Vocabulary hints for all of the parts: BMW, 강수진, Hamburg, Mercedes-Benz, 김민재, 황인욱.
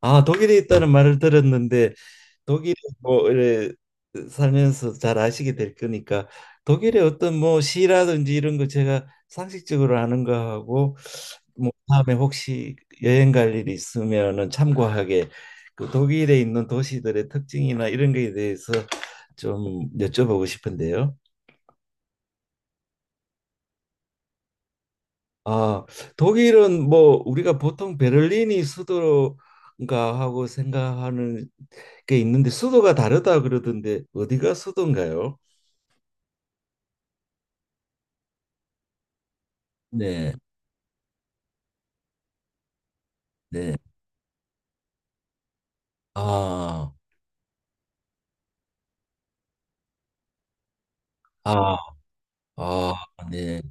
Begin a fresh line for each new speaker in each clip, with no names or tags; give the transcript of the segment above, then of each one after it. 아, 독일에 있다는 말을 들었는데 독일에 뭐 이래 살면서 잘 아시게 될 거니까 독일의 어떤 뭐 시라든지 이런 거 제가 상식적으로 아는 거하고 뭐 다음에 혹시 여행 갈 일이 있으면은 참고하게 그 독일에 있는 도시들의 특징이나 이런 거에 대해서 좀 여쭤보고 싶은데요. 아, 독일은 뭐 우리가 보통 베를린이 수도인가 하고 생각하는 게 있는데 수도가 다르다 그러던데 어디가 수도인가요? 네, 네. 아, 아, 아, 네.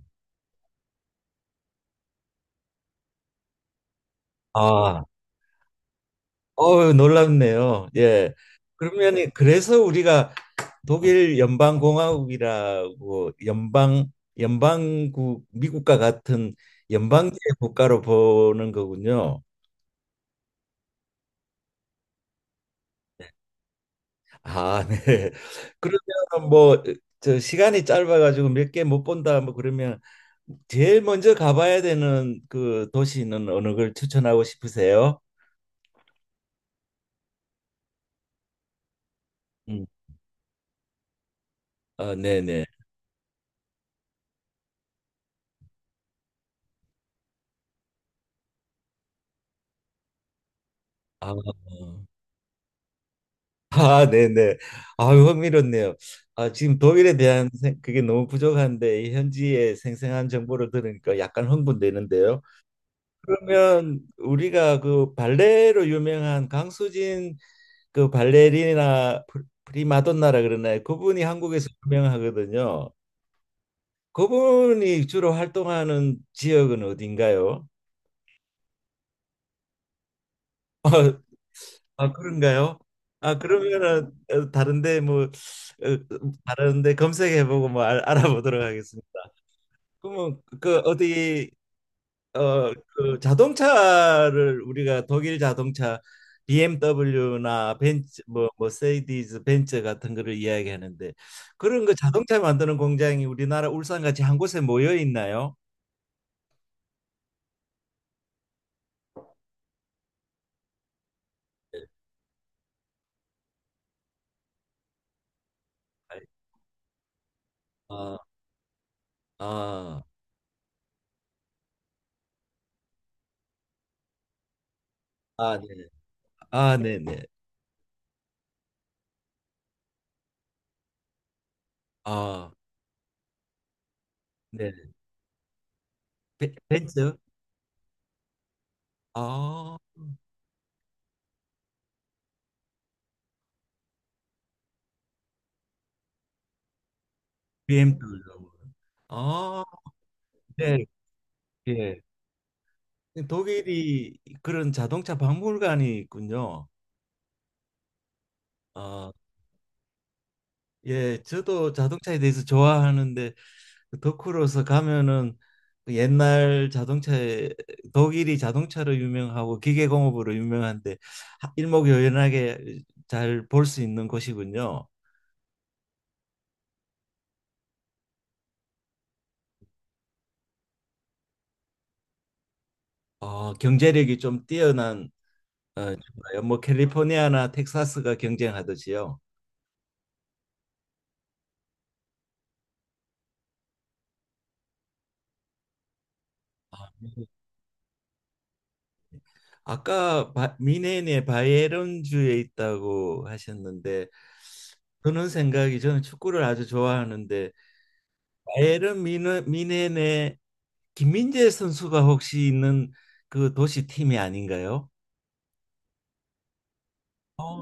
아, 어 놀랍네요. 예. 그러면 그래서 우리가 독일 연방공화국이라고 연방 연방국 미국과 같은 연방제 국가로 보는 거군요. 아, 네. 그러면 뭐 저 시간이 짧아가지고 몇 개 못 본다 뭐 그러면 제일 먼저 가봐야 되는 그 도시는 어느 걸 추천하고 싶으세요? 음. 아, 네네. 아, 아, 네네. 아, 흥미롭네요. 아, 지금 독일에 대한 그게 너무 부족한데 이 현지의 생생한 정보를 들으니까 약간 흥분되는데요. 그러면 우리가 그 발레로 유명한 강수진 그 발레리나 프리마돈나라 그러나요? 그분이 한국에서 유명하거든요. 그분이 주로 활동하는 지역은 어딘가요? 아, 아, 그런가요? 아 그러면은 어, 다른데 뭐 어, 다른데 검색해보고 뭐 아보도록 하겠습니다. 그러면 그 어디 어, 그 자동차를 우리가 독일 자동차 BMW나 벤츠 뭐 머세디스 벤츠 같은 거를 이야기하는데 그런 거 자동차 만드는 공장이 우리나라 울산 같이 한 곳에 모여 있나요? 네. 아, 아, 아, 네. 아, 네, 네. 아, 네. 벤츠? 아, BMW. 아, 네. 예. 독일이 그런 자동차 박물관이 있군요. 어. 예, 저도 자동차에 대해서 좋아하는데 그 덕후로서 가면은 그 옛날 자동차에 독일이 자동차로 유명하고 기계공업으로 유명한데 하- 일목요연하게 잘 볼 수 있는 곳이군요. 어, 경제력이 좀 뛰어난 어, 정말요. 뭐 캘리포니아나 텍사스가 경쟁하듯이요. 아, 네. 아까 미네인의 바이에른주에 있다고 하셨는데 드는 생각이 저는 축구를 아주 좋아하는데 바이에른 미넨의 김민재 선수가 혹시 있는 그 도시 팀이 아닌가요? 어.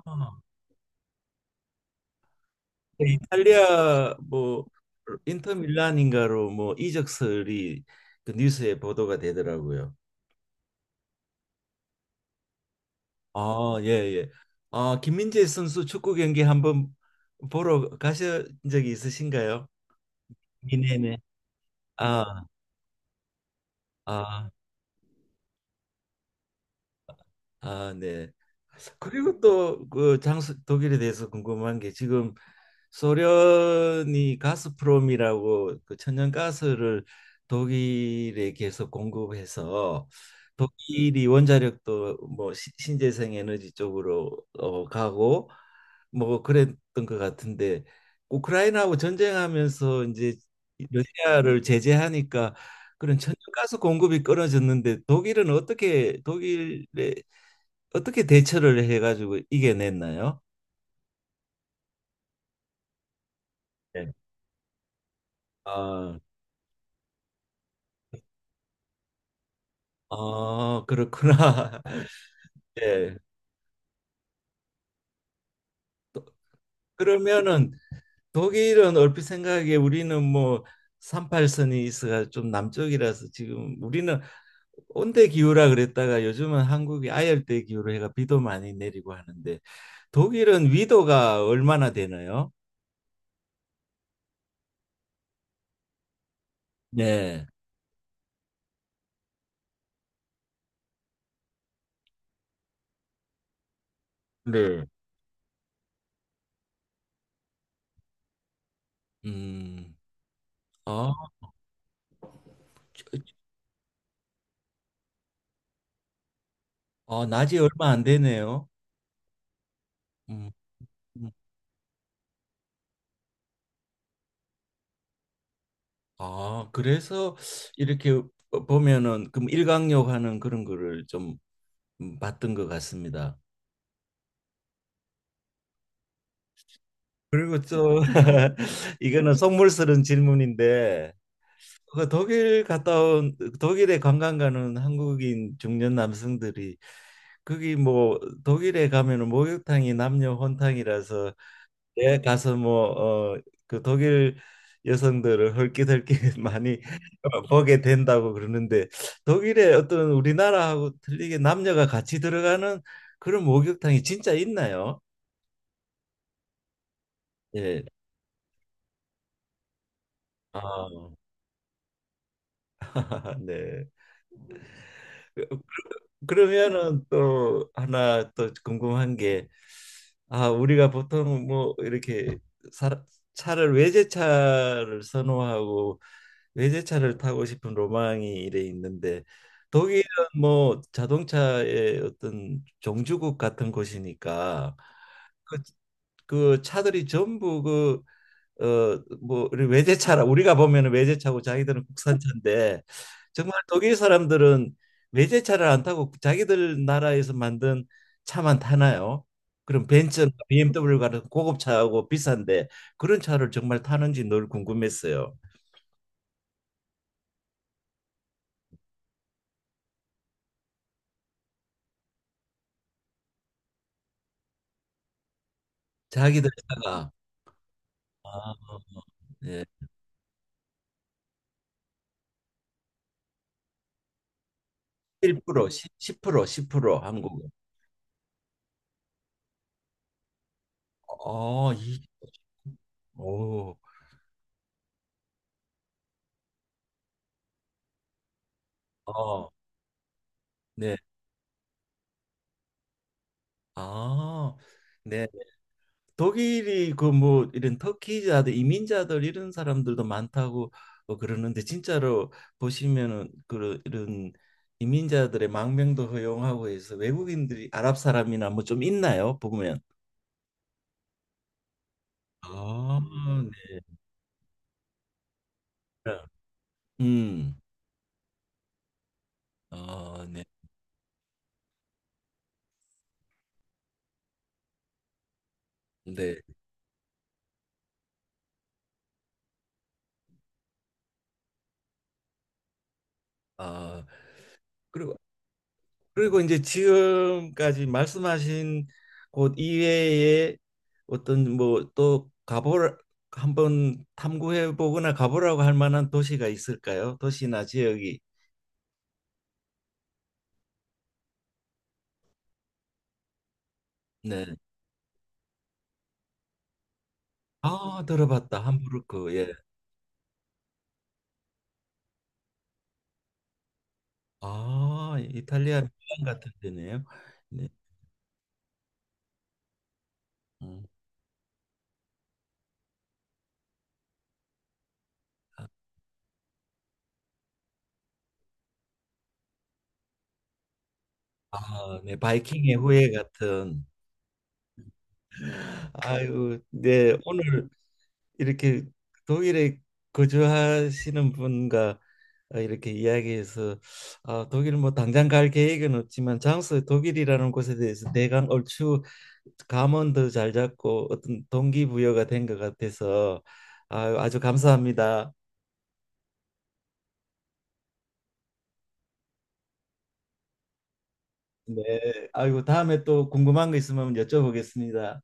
그 이탈리아 뭐 인터 밀란인가로 뭐 이적설이 그 뉴스에 보도가 되더라고요. 아, 예, 예. 아, 김민재 선수 축구 경기 한번 보러 가신 적이 있으신가요? 미네네. 아, 아, 아, 네. 그리고 또 그 장수 독일에 대해서 궁금한 게 지금 소련이 가스프롬이라고 그 천연가스를 독일에 계속 공급해서 독일이 원자력도 뭐 신재생 에너지 쪽으로 어, 가고 뭐 그랬던 것 같은데 우크라이나하고 전쟁하면서 이제 러시아를 제재하니까 그런 천연가스 공급이 끊어졌는데 독일은 어떻게 독일에 어떻게 대처를 해가지고 이겨냈나요? 네. 아 아, 그렇구나. 예. 네. 그러면은 독일은 얼핏 생각에 우리는 뭐 38선이 있어가 좀 남쪽이라서 지금 우리는 온대 기후라 그랬다가 요즘은 한국이 아열대 기후로 해가 비도 많이 내리고 하는데 독일은 위도가 얼마나 되나요? 네. 네. 음. 아, 아, 낮이 얼마 안 되네요. 음. 음. 아, 그래서 이렇게 어, 보면은 그럼 일광욕 하는 그런 거를 좀 봤던 것 같습니다. 그리고 좀 이거는 속물스러운 질문인데 그 독일 갔다 온 독일에 관광 가는 한국인 중년 남성들이 거기 뭐 독일에 가면은 목욕탕이 남녀 혼탕이라서 내 가서 뭐 어 그 독일 여성들을 헐기덜기 많이 보게 된다고 그러는데 독일에 어떤 우리나라하고 틀리게 남녀가 같이 들어가는 그런 목욕탕이 진짜 있나요? 예. 아, 아, 네. 그- 그러면은 또 하나 또 궁금한 게, 아, 우리가 보통 뭐 이렇게 사, 차를 외제차를 선호하고 외제차를 타고 싶은 로망이 이래 있는데 독일은 뭐 자동차의 어떤 종주국 같은 곳이니까 그, 그 차들이 전부 그 어뭐 외제차라 우리가 보면은 외제차고 자기들은 국산차인데 정말 독일 사람들은 외제차를 안 타고 자기들 나라에서 만든 차만 타나요? 그럼 벤츠나 BMW 같은 고급차하고 비싼데 그런 차를 정말 타는지 늘 궁금했어요. 자기들 차가 아, 예. 1% 10% 10% 한국은. 어, 이, 오, 어, 네, 아, 네. 독일이 그 뭐 이런 터키자들 이민자들 이런 사람들도 많다고 어, 그러는데 진짜로 보시면은 그런 이런 이민자들의 망명도 허용하고 해서 외국인들이 아랍 사람이나 뭐 좀 있나요? 보면. 아, 네. 음. 어, 네. 네. 아, 그리고 그리고 이제 지금까지 말씀하신 곳 이외에 어떤 뭐 또 가보 한번 탐구해 보거나 가보라고 할 만한 도시가 있을까요? 도시나 지역이. 네. 아, 들어봤다. 함부르크. 예. 아, 이탈리아 밀란 같은 데네요. 네. 음. 아, 네. 바이킹의 후예 같은. 아유, 네. 오늘 이렇게 독일에 거주하시는 분과 어, 이렇게 이야기해서 아, 독일 뭐 당장 갈 계획은 없지만 장소 독일이라는 곳에 대해서 대강 얼추 감언도 잘 잡고 어떤 동기부여가 된 것 같아서 아, 아주 감사합니다. 네, 아이고 다음에 또 궁금한 거 있으면 여쭤보겠습니다.